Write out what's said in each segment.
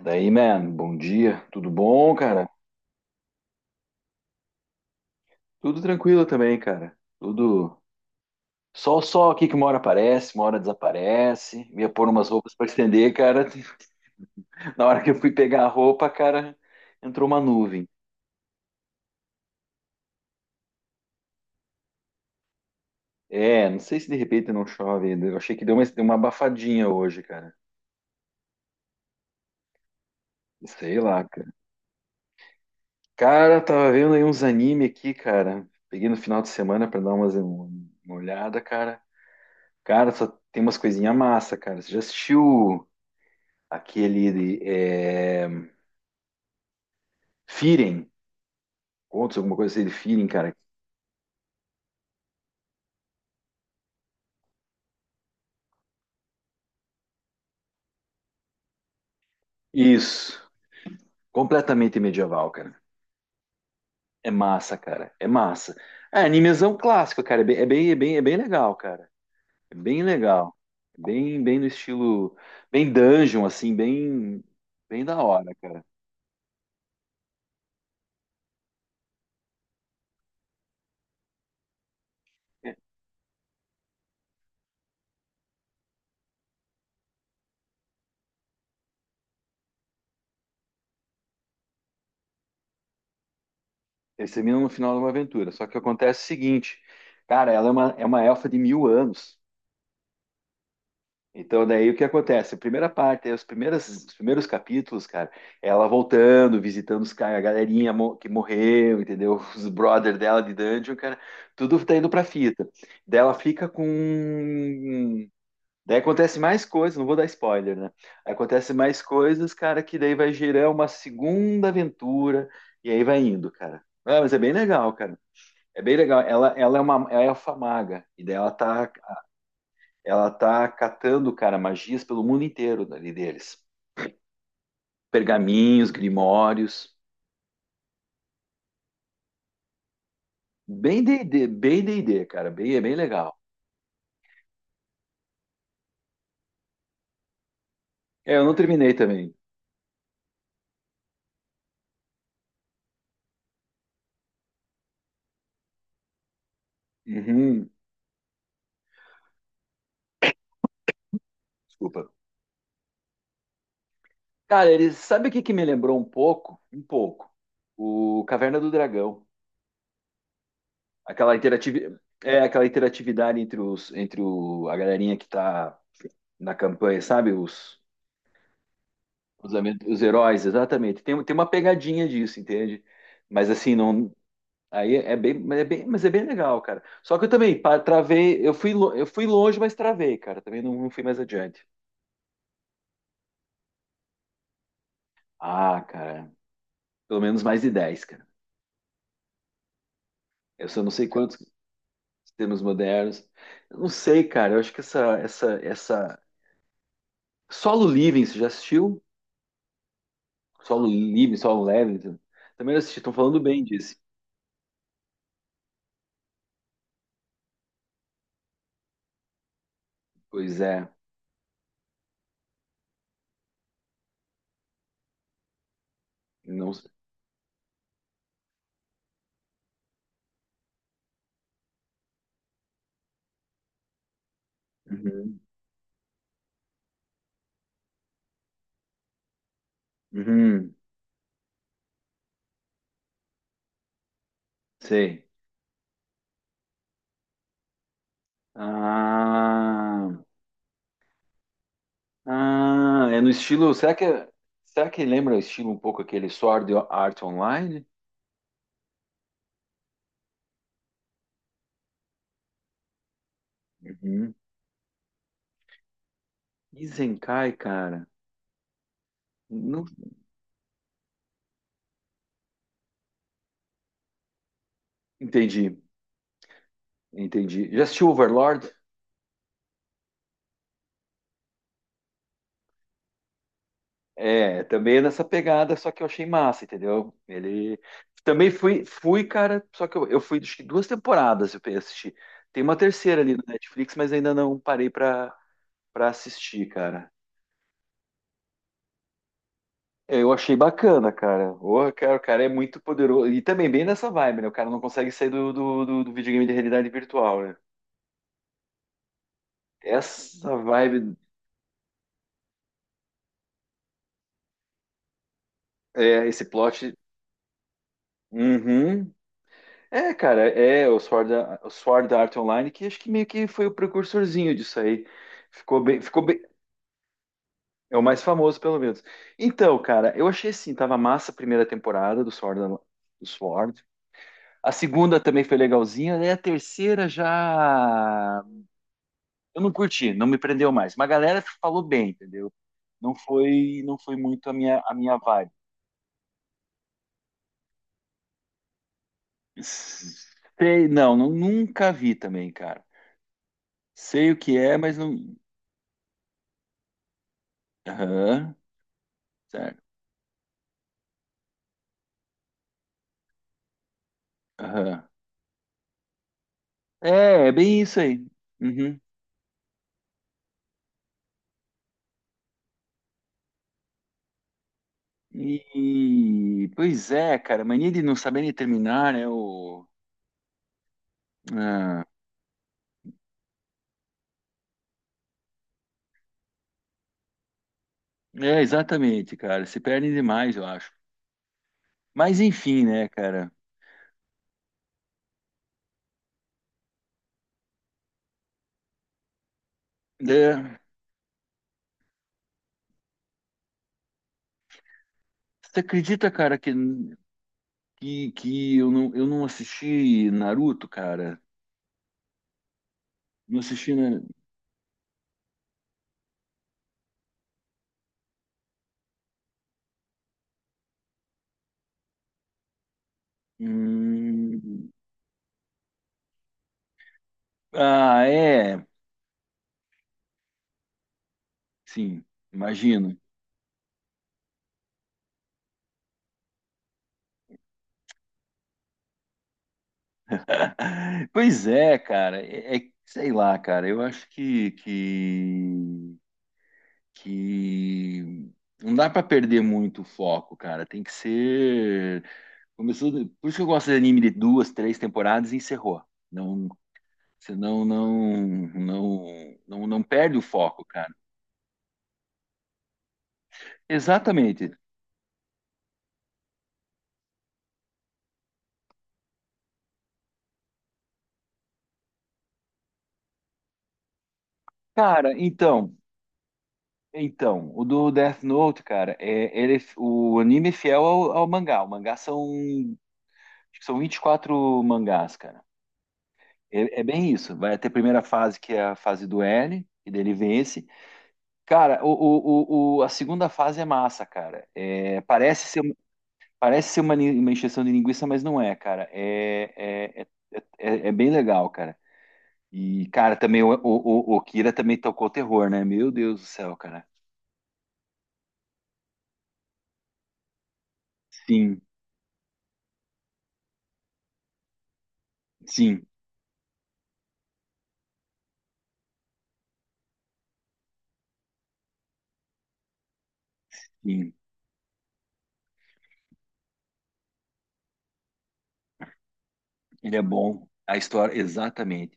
Daí, man, bom dia. Tudo bom, cara? Tudo tranquilo também, cara. Tudo. Sol, só aqui que uma hora aparece, uma hora desaparece. Ia pôr umas roupas pra estender, cara. Na hora que eu fui pegar a roupa, cara, entrou uma nuvem. É, não sei se de repente não chove ainda. Eu achei que deu uma abafadinha hoje, cara. Sei lá, cara. Cara, tava vendo aí uns anime aqui, cara. Peguei no final de semana pra dar uma olhada, cara. Cara, só tem umas coisinhas massa, cara. Você já assistiu? Aquele de, Firen, contos, alguma coisa assim de Firen, cara. Isso, completamente medieval, cara. É massa, cara, é massa. É animezão clássico, cara, é bem legal, cara. É bem legal. Bem no estilo, bem dungeon, assim, bem da hora, cara. É, esse é no final de uma aventura. Só que acontece o seguinte, cara, ela é uma elfa de 1000 anos. Então, daí o que acontece? A primeira parte, os primeiros capítulos, cara, ela voltando, visitando os caras, a galerinha que morreu, entendeu? Os brother dela de dungeon, cara, tudo tá indo pra fita. Daí ela fica com. Daí acontece mais coisas, não vou dar spoiler, né? Aí acontece mais coisas, cara, que daí vai gerar uma segunda aventura, e aí vai indo, cara. Ah, mas é bem legal, cara. É bem legal. Ela é elfa maga, e daí ela tá catando, cara, magias pelo mundo inteiro ali deles. Pergaminhos, grimórios. Bem D&D, bem D&D, cara. Bem, é bem legal. É, eu não terminei também. Uhum, desculpa. Cara, eles, sabe o que que me lembrou um pouco? Um pouco. O Caverna do Dragão. Aquela interatividade entre entre o, a galerinha que tá na campanha, sabe? Os heróis, exatamente. Tem uma pegadinha disso, entende? Mas assim, não. Aí é bem, mas é bem, mas é bem legal, cara. Só que eu também travei, eu fui longe, mas travei, cara. Também não, não fui mais adiante. Ah, cara, pelo menos mais de 10, cara. Eu só não sei quantos sistemas modernos. Eu não sei, cara. Eu acho que essa Solo Living, você já assistiu? Solo Living, Solo Leveling. Também não assisti. Estão falando bem disso. Pois é. Não sei. Uhum. Uhum. Sei. Ah. Ah, é no estilo. Será que lembra o estilo um pouco aquele Sword Art Online? Uhum. Izenkai, cara. Não entendi, entendi. Já assistiu Overlord? É, também é nessa pegada, só que eu achei massa, entendeu? Ele também fui, cara, só que eu fui acho que duas temporadas eu assisti. Tem uma terceira ali no Netflix, mas ainda não parei pra, pra assistir, cara. É, eu achei bacana, cara. Porra, cara, o cara é muito poderoso. E também bem nessa vibe, né? O cara não consegue sair do videogame de realidade virtual, né? Essa vibe, é, esse plot. Uhum. É, cara, é o Sword Art Online, que acho que meio que foi o precursorzinho disso aí. Ficou bem, ficou bem. É o mais famoso, pelo menos. Então, cara, eu achei assim, tava massa a primeira temporada do Sword. A segunda também foi legalzinha, né? A terceira já. Eu não curti, não me prendeu mais. Mas a galera falou bem, entendeu? Não foi muito a minha vibe. Sei, não, não, nunca vi também, cara. Sei o que é, mas não. Aham, certo. Aham. É, é bem isso aí. Uhum. E, pois é, cara, mania de não saber nem terminar, né? O... Ah, é, exatamente, cara. Se perdem demais, eu acho. Mas enfim, né, cara? É, você acredita, cara, que eu não assisti Naruto, cara. Não assisti. Na... Hum, ah, é. Sim, imagino. Pois é, cara. Sei lá, cara. Eu acho que não dá pra perder muito o foco, cara. Tem que ser. Começou. Por isso que eu gosto de anime de duas, três temporadas e encerrou. Não, senão não perde o foco, cara. Exatamente. Cara, então, o do Death Note, cara, o anime é fiel ao mangá. O mangá são, acho que são 24 mangás, cara. É bem isso. Vai até a primeira fase, que é a fase do L, e dele vence. Cara, a segunda fase é massa, cara. É, parece ser uma encheção de linguiça, mas não é, cara. É bem legal, cara. E, cara, também o Kira também tocou terror, né? Meu Deus do céu, cara. Sim. Sim, sim, ele é bom. A história, exatamente.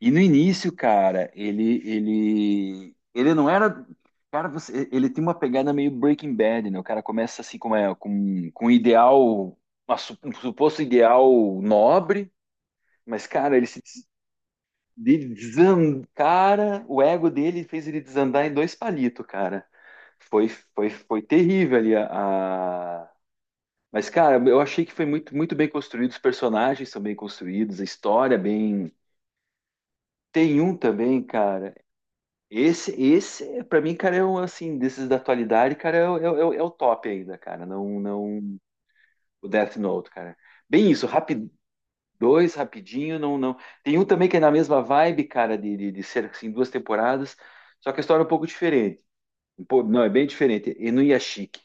E no início, cara, ele não era. Cara, ele tem uma pegada meio Breaking Bad, né? O cara começa assim com um ideal, um suposto ideal nobre, mas, cara, ele se des- ele desan- cara, o ego dele fez ele desandar em dois palitos, cara. Foi terrível ali a, Mas, cara, eu achei que foi muito, muito bem construído, os personagens são bem construídos, a história é bem. Tem um também, cara. Esse, para mim, cara, é um assim, desses da atualidade, cara, é o top ainda, cara. Não, não, o Death Note, cara. Bem isso, rápido, dois rapidinho, não, não. Tem um também que é na mesma vibe, cara, de ser assim duas temporadas, só que a história é um pouco diferente. Pô, não, é bem diferente. Inuyashiki,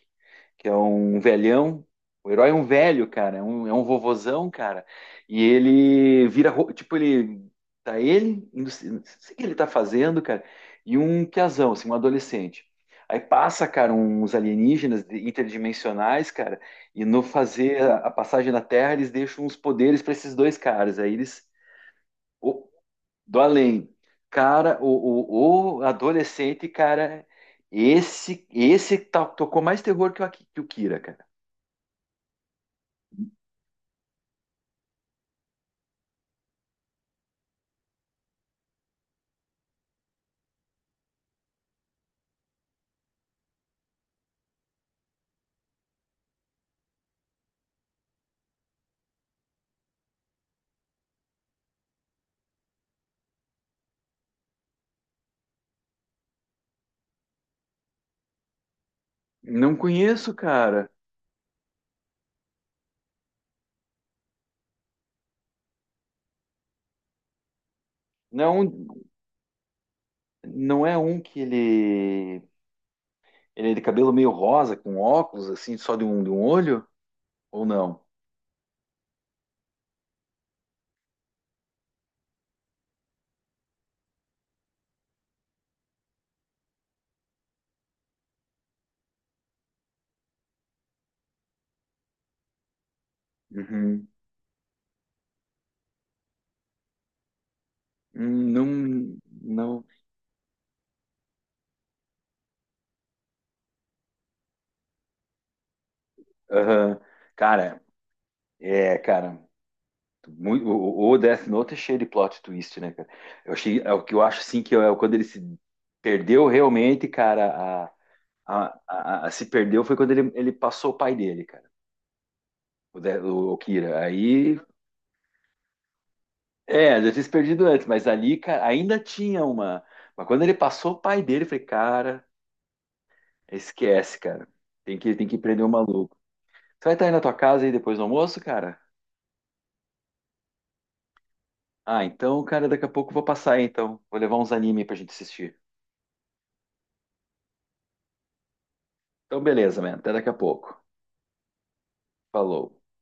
que é um velhão. O herói é um velho, cara. É um vovozão, cara. E ele vira. Tipo, ele. Tá ele. Não sei o que ele tá fazendo, cara. E um piazão, assim, um adolescente. Aí passa, cara, uns alienígenas interdimensionais, cara. E no fazer a passagem na Terra, eles deixam uns poderes pra esses dois caras. Aí eles do além. Cara, o adolescente, cara, esse tocou mais terror que que o Kira, cara. Não conheço, cara. Não, é um, não é um que ele é de cabelo meio rosa, com óculos assim, só de um olho ou não? Uhum. Não, não. Aham. Cara, é, cara. Muito, o Death Note é cheio de plot twist, né, cara? Eu achei, é o que eu acho, assim, que é quando ele se perdeu realmente, cara, a se perdeu foi quando ele passou o pai dele, cara, o Kira. Aí, já tinha se perdido antes, mas ali, cara, ainda tinha uma. Mas quando ele passou o pai dele, eu falei, cara, esquece, cara. Tem que prender o maluco. Você vai estar aí na tua casa aí depois do almoço, cara? Ah, então, cara, daqui a pouco eu vou passar aí, então. Vou levar uns anime aí pra gente assistir. Então, beleza, man. Até daqui a pouco. Falou.